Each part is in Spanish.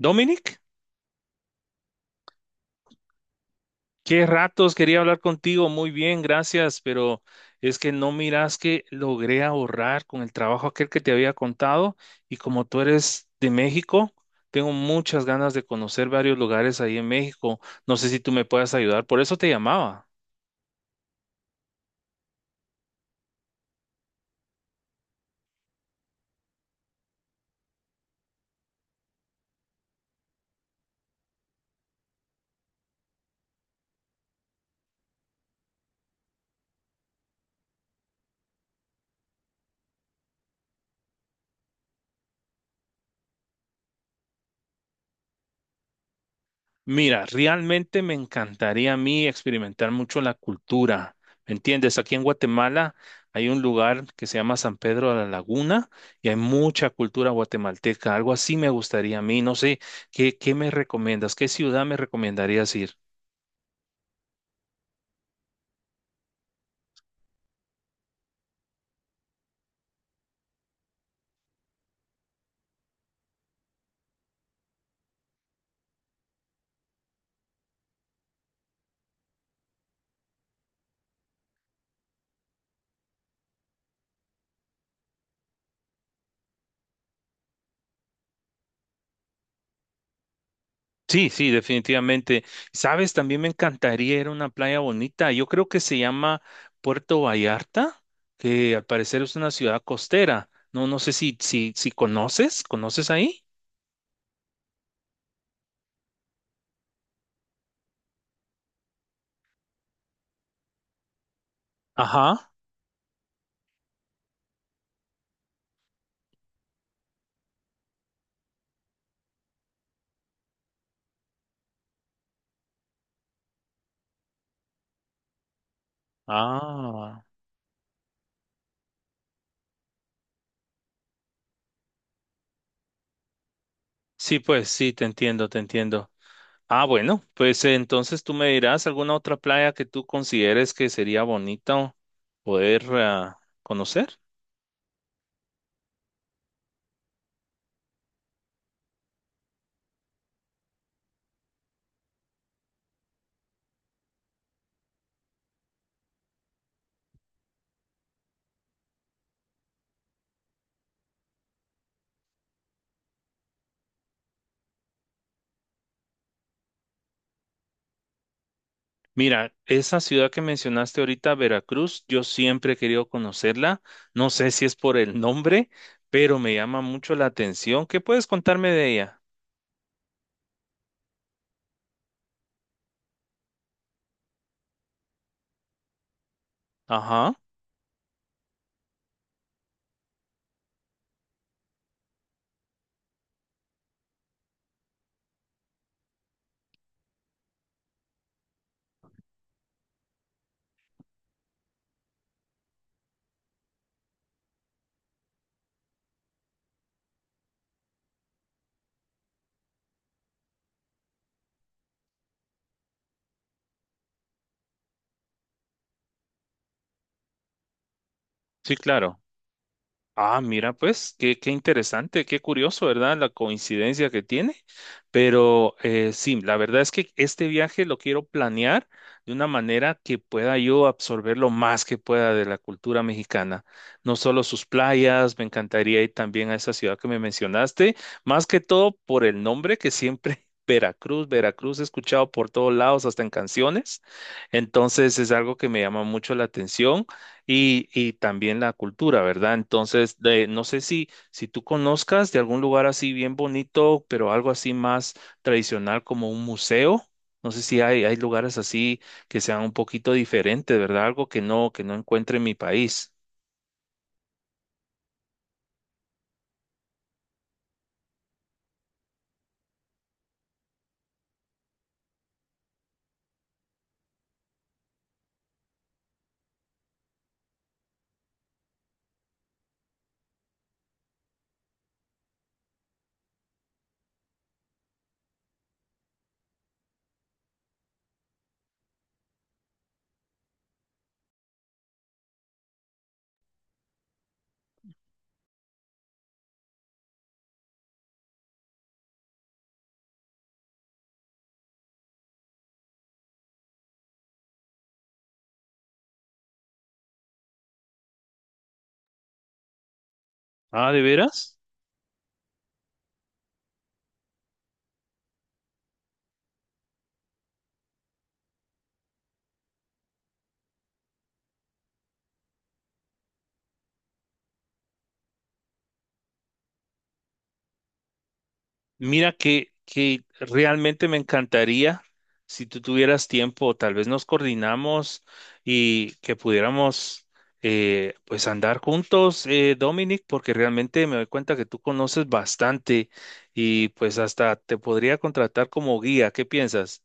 Dominic, qué ratos quería hablar contigo. Muy bien, gracias, pero es que no miras que logré ahorrar con el trabajo aquel que te había contado y como tú eres de México, tengo muchas ganas de conocer varios lugares ahí en México. No sé si tú me puedas ayudar, por eso te llamaba. Mira, realmente me encantaría a mí experimentar mucho la cultura, ¿me entiendes? Aquí en Guatemala hay un lugar que se llama San Pedro de la Laguna y hay mucha cultura guatemalteca, algo así me gustaría a mí, no sé, ¿Qué me recomiendas? ¿Qué ciudad me recomendarías ir? Sí, sí, definitivamente. ¿Sabes? También me encantaría ir a una playa bonita, yo creo que se llama Puerto Vallarta, que al parecer es una ciudad costera, no, no sé si conoces, ¿conoces ahí? Ajá. Ah, sí, pues sí, te entiendo, te entiendo. Ah, bueno, pues entonces tú me dirás alguna otra playa que tú consideres que sería bonito poder conocer. Mira, esa ciudad que mencionaste ahorita, Veracruz, yo siempre he querido conocerla. No sé si es por el nombre, pero me llama mucho la atención. ¿Qué puedes contarme de ella? Ajá, sí, claro. Ah, mira, pues, qué interesante, qué curioso, ¿verdad? La coincidencia que tiene. Pero sí, la verdad es que este viaje lo quiero planear de una manera que pueda yo absorber lo más que pueda de la cultura mexicana. No solo sus playas, me encantaría ir también a esa ciudad que me mencionaste, más que todo por el nombre que siempre... Veracruz, Veracruz, he escuchado por todos lados, hasta en canciones. Entonces es algo que me llama mucho la atención. Y también la cultura, ¿verdad? Entonces, de, no sé si tú conozcas de algún lugar así bien bonito, pero algo así más tradicional como un museo. No sé si hay lugares así que sean un poquito diferentes, ¿verdad? Algo que no encuentre en mi país. Ah, ¿de veras? Mira que realmente me encantaría si tú tuvieras tiempo, tal vez nos coordinamos y que pudiéramos pues andar juntos, Dominic, porque realmente me doy cuenta que tú conoces bastante y pues hasta te podría contratar como guía. ¿Qué piensas?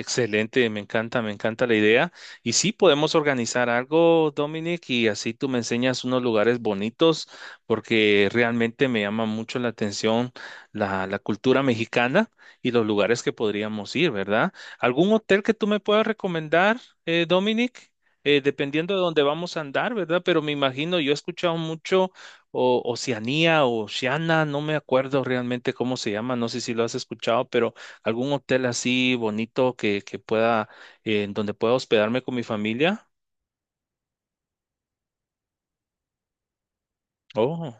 Excelente, me encanta la idea. Y sí, podemos organizar algo, Dominic, y así tú me enseñas unos lugares bonitos, porque realmente me llama mucho la atención la cultura mexicana y los lugares que podríamos ir, ¿verdad? ¿Algún hotel que tú me puedas recomendar, Dominic? Dependiendo de dónde vamos a andar, ¿verdad? Pero me imagino, yo he escuchado mucho o, Oceanía o Oceana, no me acuerdo realmente cómo se llama, no sé si lo has escuchado, pero algún hotel así bonito que pueda, en donde pueda hospedarme con mi familia. Oh,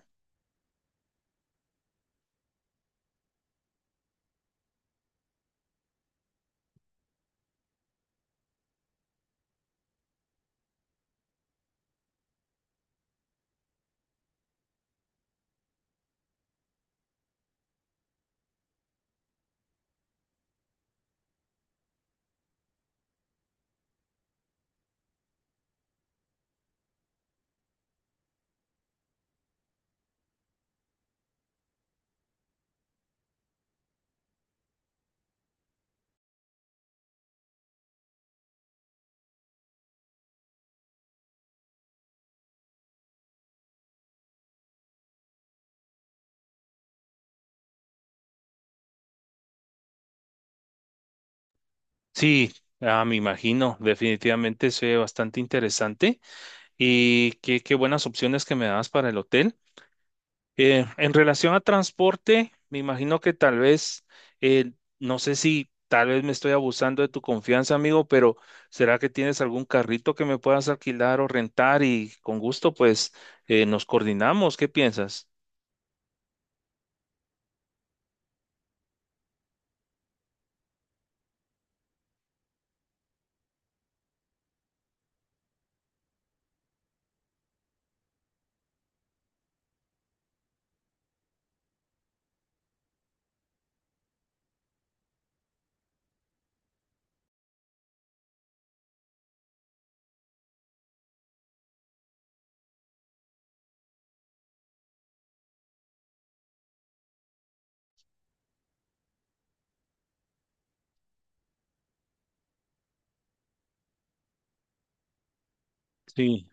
sí, ah, me imagino, definitivamente se ve bastante interesante y qué buenas opciones que me das para el hotel. En relación a transporte, me imagino que tal vez, eh, no sé si tal vez me estoy abusando de tu confianza, amigo, pero ¿será que tienes algún carrito que me puedas alquilar o rentar y con gusto pues nos coordinamos? ¿Qué piensas? Sí.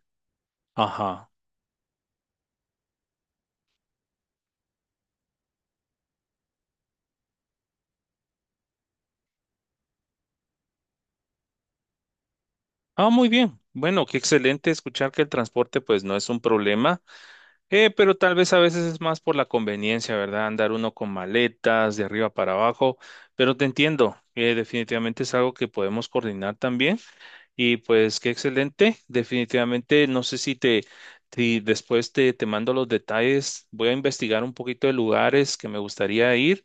Ajá. Ah, muy bien. Bueno, qué excelente escuchar que el transporte pues no es un problema, pero tal vez a veces es más por la conveniencia, ¿verdad? Andar uno con maletas de arriba para abajo, pero te entiendo, definitivamente es algo que podemos coordinar también. Y pues qué excelente. Definitivamente, no sé si te, si después te, te mando los detalles. Voy a investigar un poquito de lugares que me gustaría ir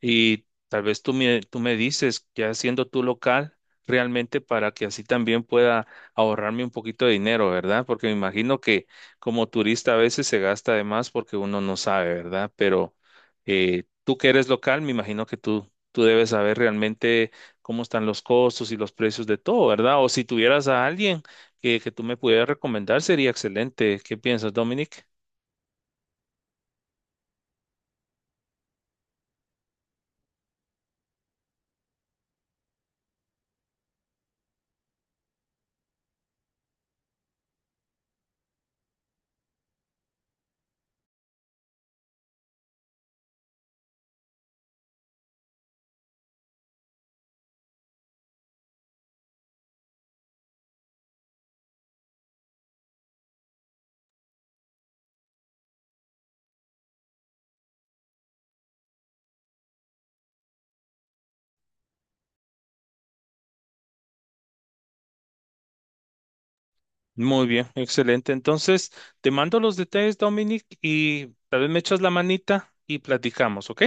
y tal vez tú me dices, ya siendo tu local, realmente para que así también pueda ahorrarme un poquito de dinero, ¿verdad? Porque me imagino que como turista a veces se gasta de más porque uno no sabe, ¿verdad? Pero tú que eres local, me imagino que tú debes saber realmente cómo están los costos y los precios de todo, ¿verdad? O si tuvieras a alguien que tú me pudieras recomendar, sería excelente. ¿Qué piensas, Dominic? Muy bien, excelente. Entonces, te mando los detalles, Dominic, y tal vez me echas la manita y platicamos, ¿ok?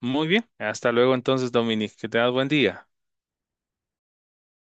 Muy bien. Hasta luego entonces, Dominic. Que tengas buen día.